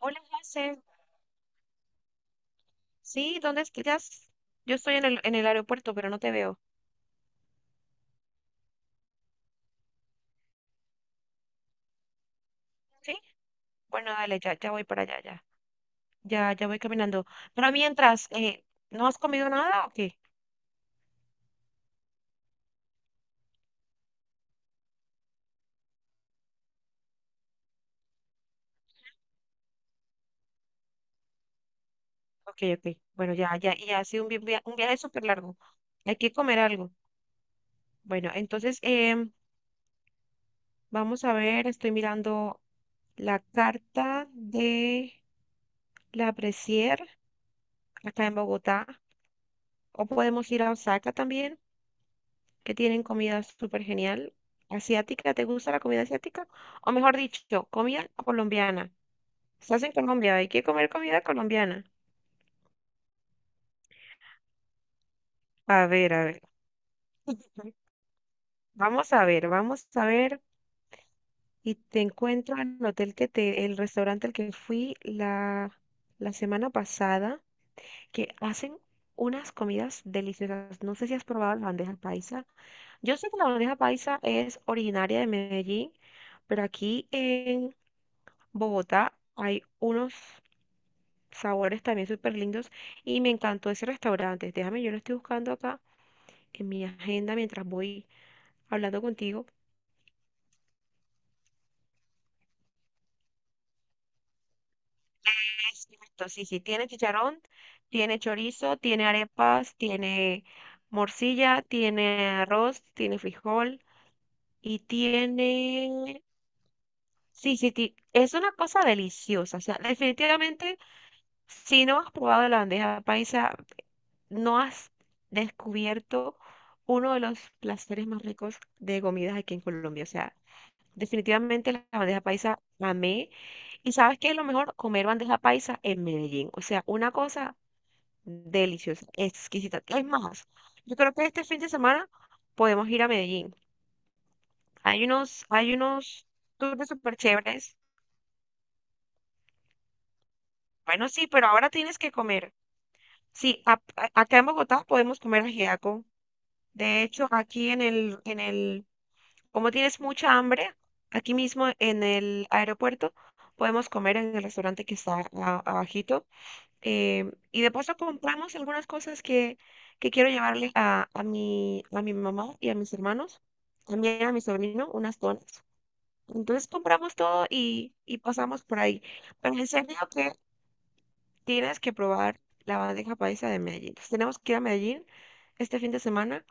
Hola, José. Sí, ¿dónde estás? Yo estoy en el aeropuerto, pero no te veo. Sí, bueno, dale, ya voy para allá, ya. Ya voy caminando. Pero mientras, ¿no has comido nada o qué? Ok, ok. Bueno, ya, y ha sido un viaje súper largo. Hay que comer algo. Bueno, entonces, vamos a ver, estoy mirando la carta de la Presier acá en Bogotá. O podemos ir a Osaka también, que tienen comida súper genial. ¿Asiática? ¿Te gusta la comida asiática? O mejor dicho, comida colombiana. Estás en Colombia, hay que comer comida colombiana. A ver, a ver. Vamos a ver, vamos a ver. Y te encuentro en el hotel que te, el restaurante al que fui la semana pasada, que hacen unas comidas deliciosas. No sé si has probado la bandeja paisa. Yo sé que la bandeja paisa es originaria de Medellín, pero aquí en Bogotá hay unos sabores también súper lindos y me encantó ese restaurante. Déjame, yo lo estoy buscando acá en mi agenda mientras voy hablando contigo. Es cierto, sí, sí, tiene chicharrón, tiene chorizo, tiene arepas, tiene morcilla, tiene arroz, tiene frijol y tiene. Sí, sí, es una cosa deliciosa. O sea, definitivamente, si no has probado la bandeja paisa, ¿no has descubierto uno de los placeres más ricos de comidas aquí en Colombia? O sea, definitivamente la bandeja paisa amé. ¿Y sabes qué es lo mejor? Comer bandeja paisa en Medellín. O sea, una cosa deliciosa, exquisita. Es más, yo creo que este fin de semana podemos ir a Medellín. Hay unos tours súper chéveres. Bueno, sí, pero ahora tienes que comer. Sí, acá en Bogotá podemos comer ajiaco. De hecho, aquí en el. Como tienes mucha hambre, aquí mismo en el aeropuerto podemos comer en el restaurante que está abajito. Y de paso compramos algunas cosas que quiero llevarle a mi mamá y a mis hermanos, también a mi sobrino, unas donas. Entonces compramos todo y pasamos por ahí. Pero en serio que tienes que probar la bandeja paisa de Medellín. Entonces, tenemos que ir a Medellín este fin de semana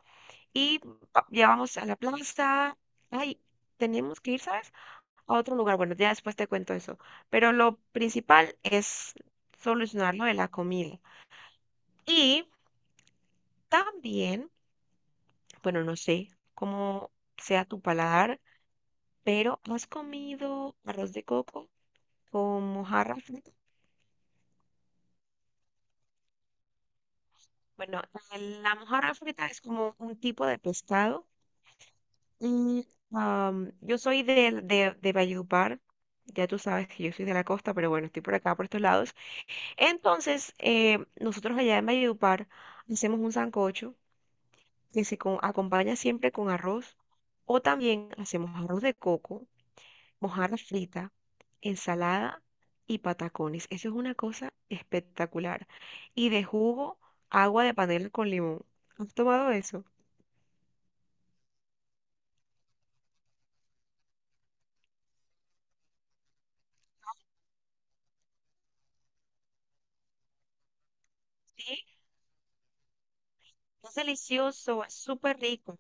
y ya vamos a la plaza. Ay, tenemos que ir, ¿sabes? A otro lugar. Bueno, ya después te cuento eso. Pero lo principal es solucionar lo de la comida. Y también, bueno, no sé cómo sea tu paladar, pero ¿has comido arroz de coco con mojarra frita? Bueno, la mojarra frita es como un tipo de pescado. Y yo soy de Valledupar. Ya tú sabes que yo soy de la costa, pero bueno, estoy por acá, por estos lados. Entonces, nosotros allá en Valledupar hacemos un sancocho que se acompaña siempre con arroz o también hacemos arroz de coco, mojarra frita, ensalada y patacones. Eso es una cosa espectacular. Y de jugo, agua de panela con limón. ¿Has tomado eso? Sí, es delicioso, es súper rico.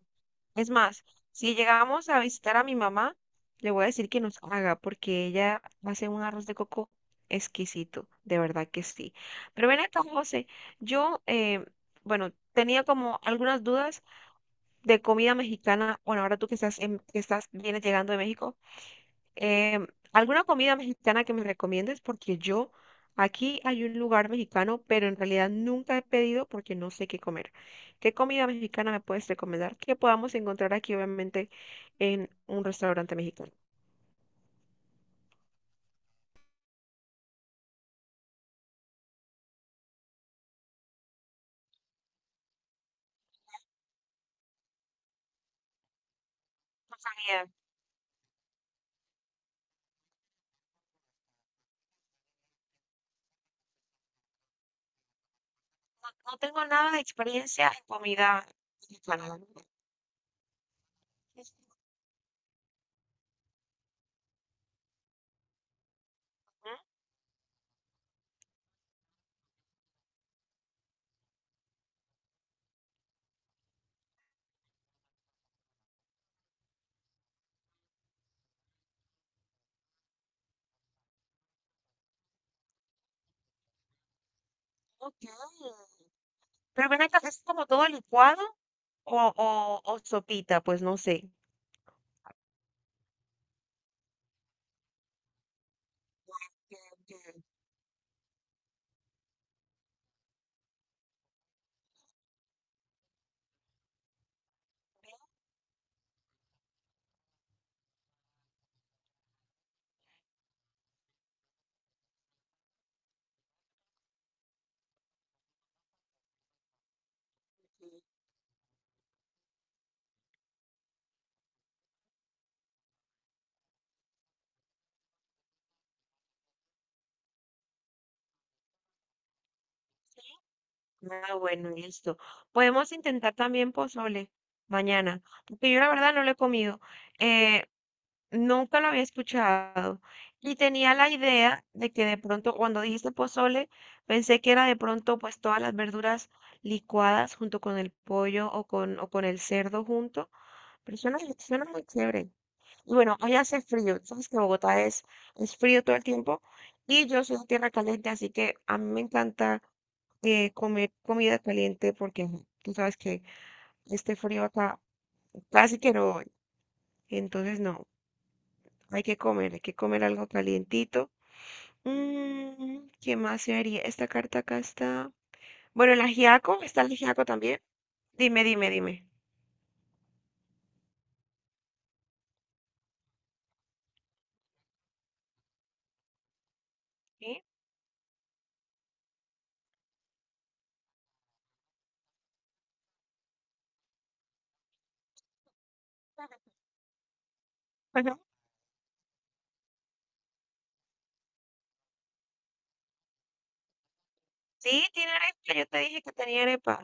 Es más, si llegamos a visitar a mi mamá, le voy a decir que nos haga, porque ella hace un arroz de coco exquisito, de verdad que sí. Pero ven acá, José, yo, bueno, tenía como algunas dudas de comida mexicana. Bueno, ahora tú que estás, en- que estás, vienes llegando de México. ¿Alguna comida mexicana que me recomiendes? Porque yo, aquí hay un lugar mexicano, pero en realidad nunca he pedido porque no sé qué comer. ¿Qué comida mexicana me puedes recomendar que podamos encontrar aquí, obviamente, en un restaurante mexicano? Bien, no, no tengo nada de experiencia en comida mexicana, la verdad. ¿Mm? Ok. Pero ven acá, ¿es como todo licuado o sopita? Pues no sé. Ok, ok. Ah, bueno, listo. Podemos intentar también pozole mañana, porque yo la verdad no lo he comido. Eh, nunca lo había escuchado. Y tenía la idea de que de pronto, cuando dijiste pozole, pensé que era de pronto pues todas las verduras licuadas junto con el pollo o con, el cerdo junto. Pero suena muy chévere. Y bueno, hoy hace frío, sabes que Bogotá es frío todo el tiempo y yo soy de tierra caliente, así que a mí me encanta comer comida caliente porque ajá, tú sabes que este frío acá casi que no voy. Entonces no, hay que comer algo calientito. ¿Qué más sería? Esta carta acá está. Bueno, el ajiaco, está el ajiaco también. Dime, dime, dime. ¿Sí? Ajá. Sí, tiene arepa, yo te dije que tenía arepa.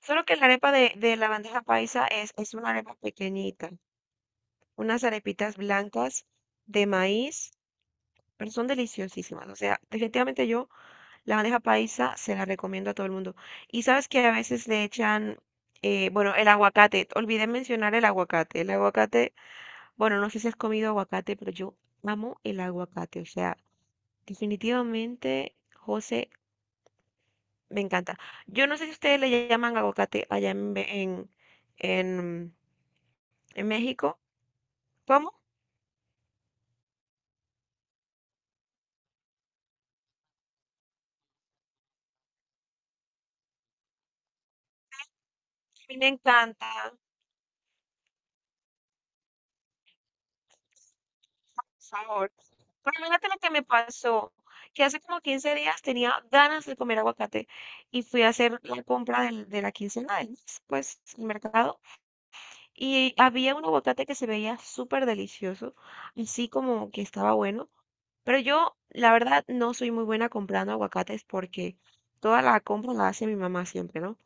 Solo que la arepa de la bandeja paisa es una arepa pequeñita, unas arepitas blancas de maíz, pero son deliciosísimas. O sea, definitivamente yo la bandeja paisa se la recomiendo a todo el mundo. Y sabes que a veces le echan, bueno, el aguacate. Olvidé mencionar el aguacate. El aguacate, bueno, no sé si has comido aguacate, pero yo amo el aguacate. O sea, definitivamente, José, me encanta. Yo no sé si ustedes le llaman aguacate allá en, en ¿En México? ¿Cómo? A mí me encanta, por favor. Pero imagínate lo que me pasó, que hace como 15 días tenía ganas de comer aguacate y fui a hacer la compra de la quincena del mes, pues, el mercado, y había un aguacate que se veía súper delicioso, así como que estaba bueno. Pero yo, la verdad, no soy muy buena comprando aguacates porque toda la compra la hace mi mamá siempre, ¿no?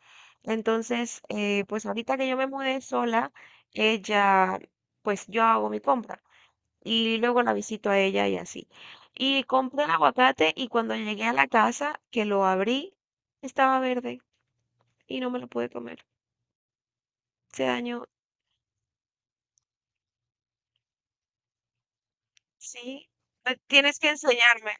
Entonces, pues ahorita que yo me mudé sola, ella, pues yo hago mi compra y luego la visito a ella y así. Y compré el aguacate y cuando llegué a la casa, que lo abrí, estaba verde y no me lo pude comer. Se dañó. Sí, tienes que enseñarme.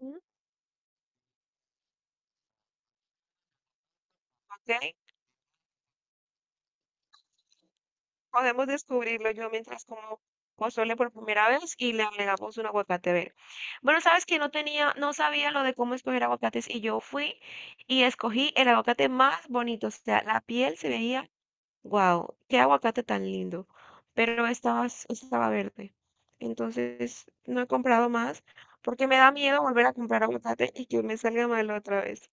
Ujú, ¿Ok? Podemos descubrirlo yo mientras como pozole por primera vez y le agregamos un aguacate verde. Bueno, sabes que no tenía, no sabía lo de cómo escoger aguacates y yo fui y escogí el aguacate más bonito. O sea, la piel se veía, wow, qué aguacate tan lindo. Pero estaba, estaba verde. Entonces no he comprado más porque me da miedo volver a comprar aguacate y que me salga mal otra vez.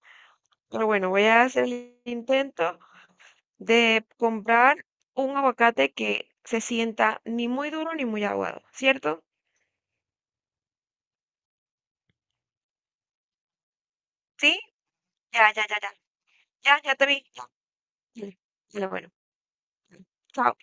Pero bueno, voy a hacer el intento de comprar un aguacate que se sienta ni muy duro ni muy aguado, ¿cierto? ¿Sí? Ya, ya, ya, ya. Ya, ya te vi. Ya. Mm. Ya, bueno, chao.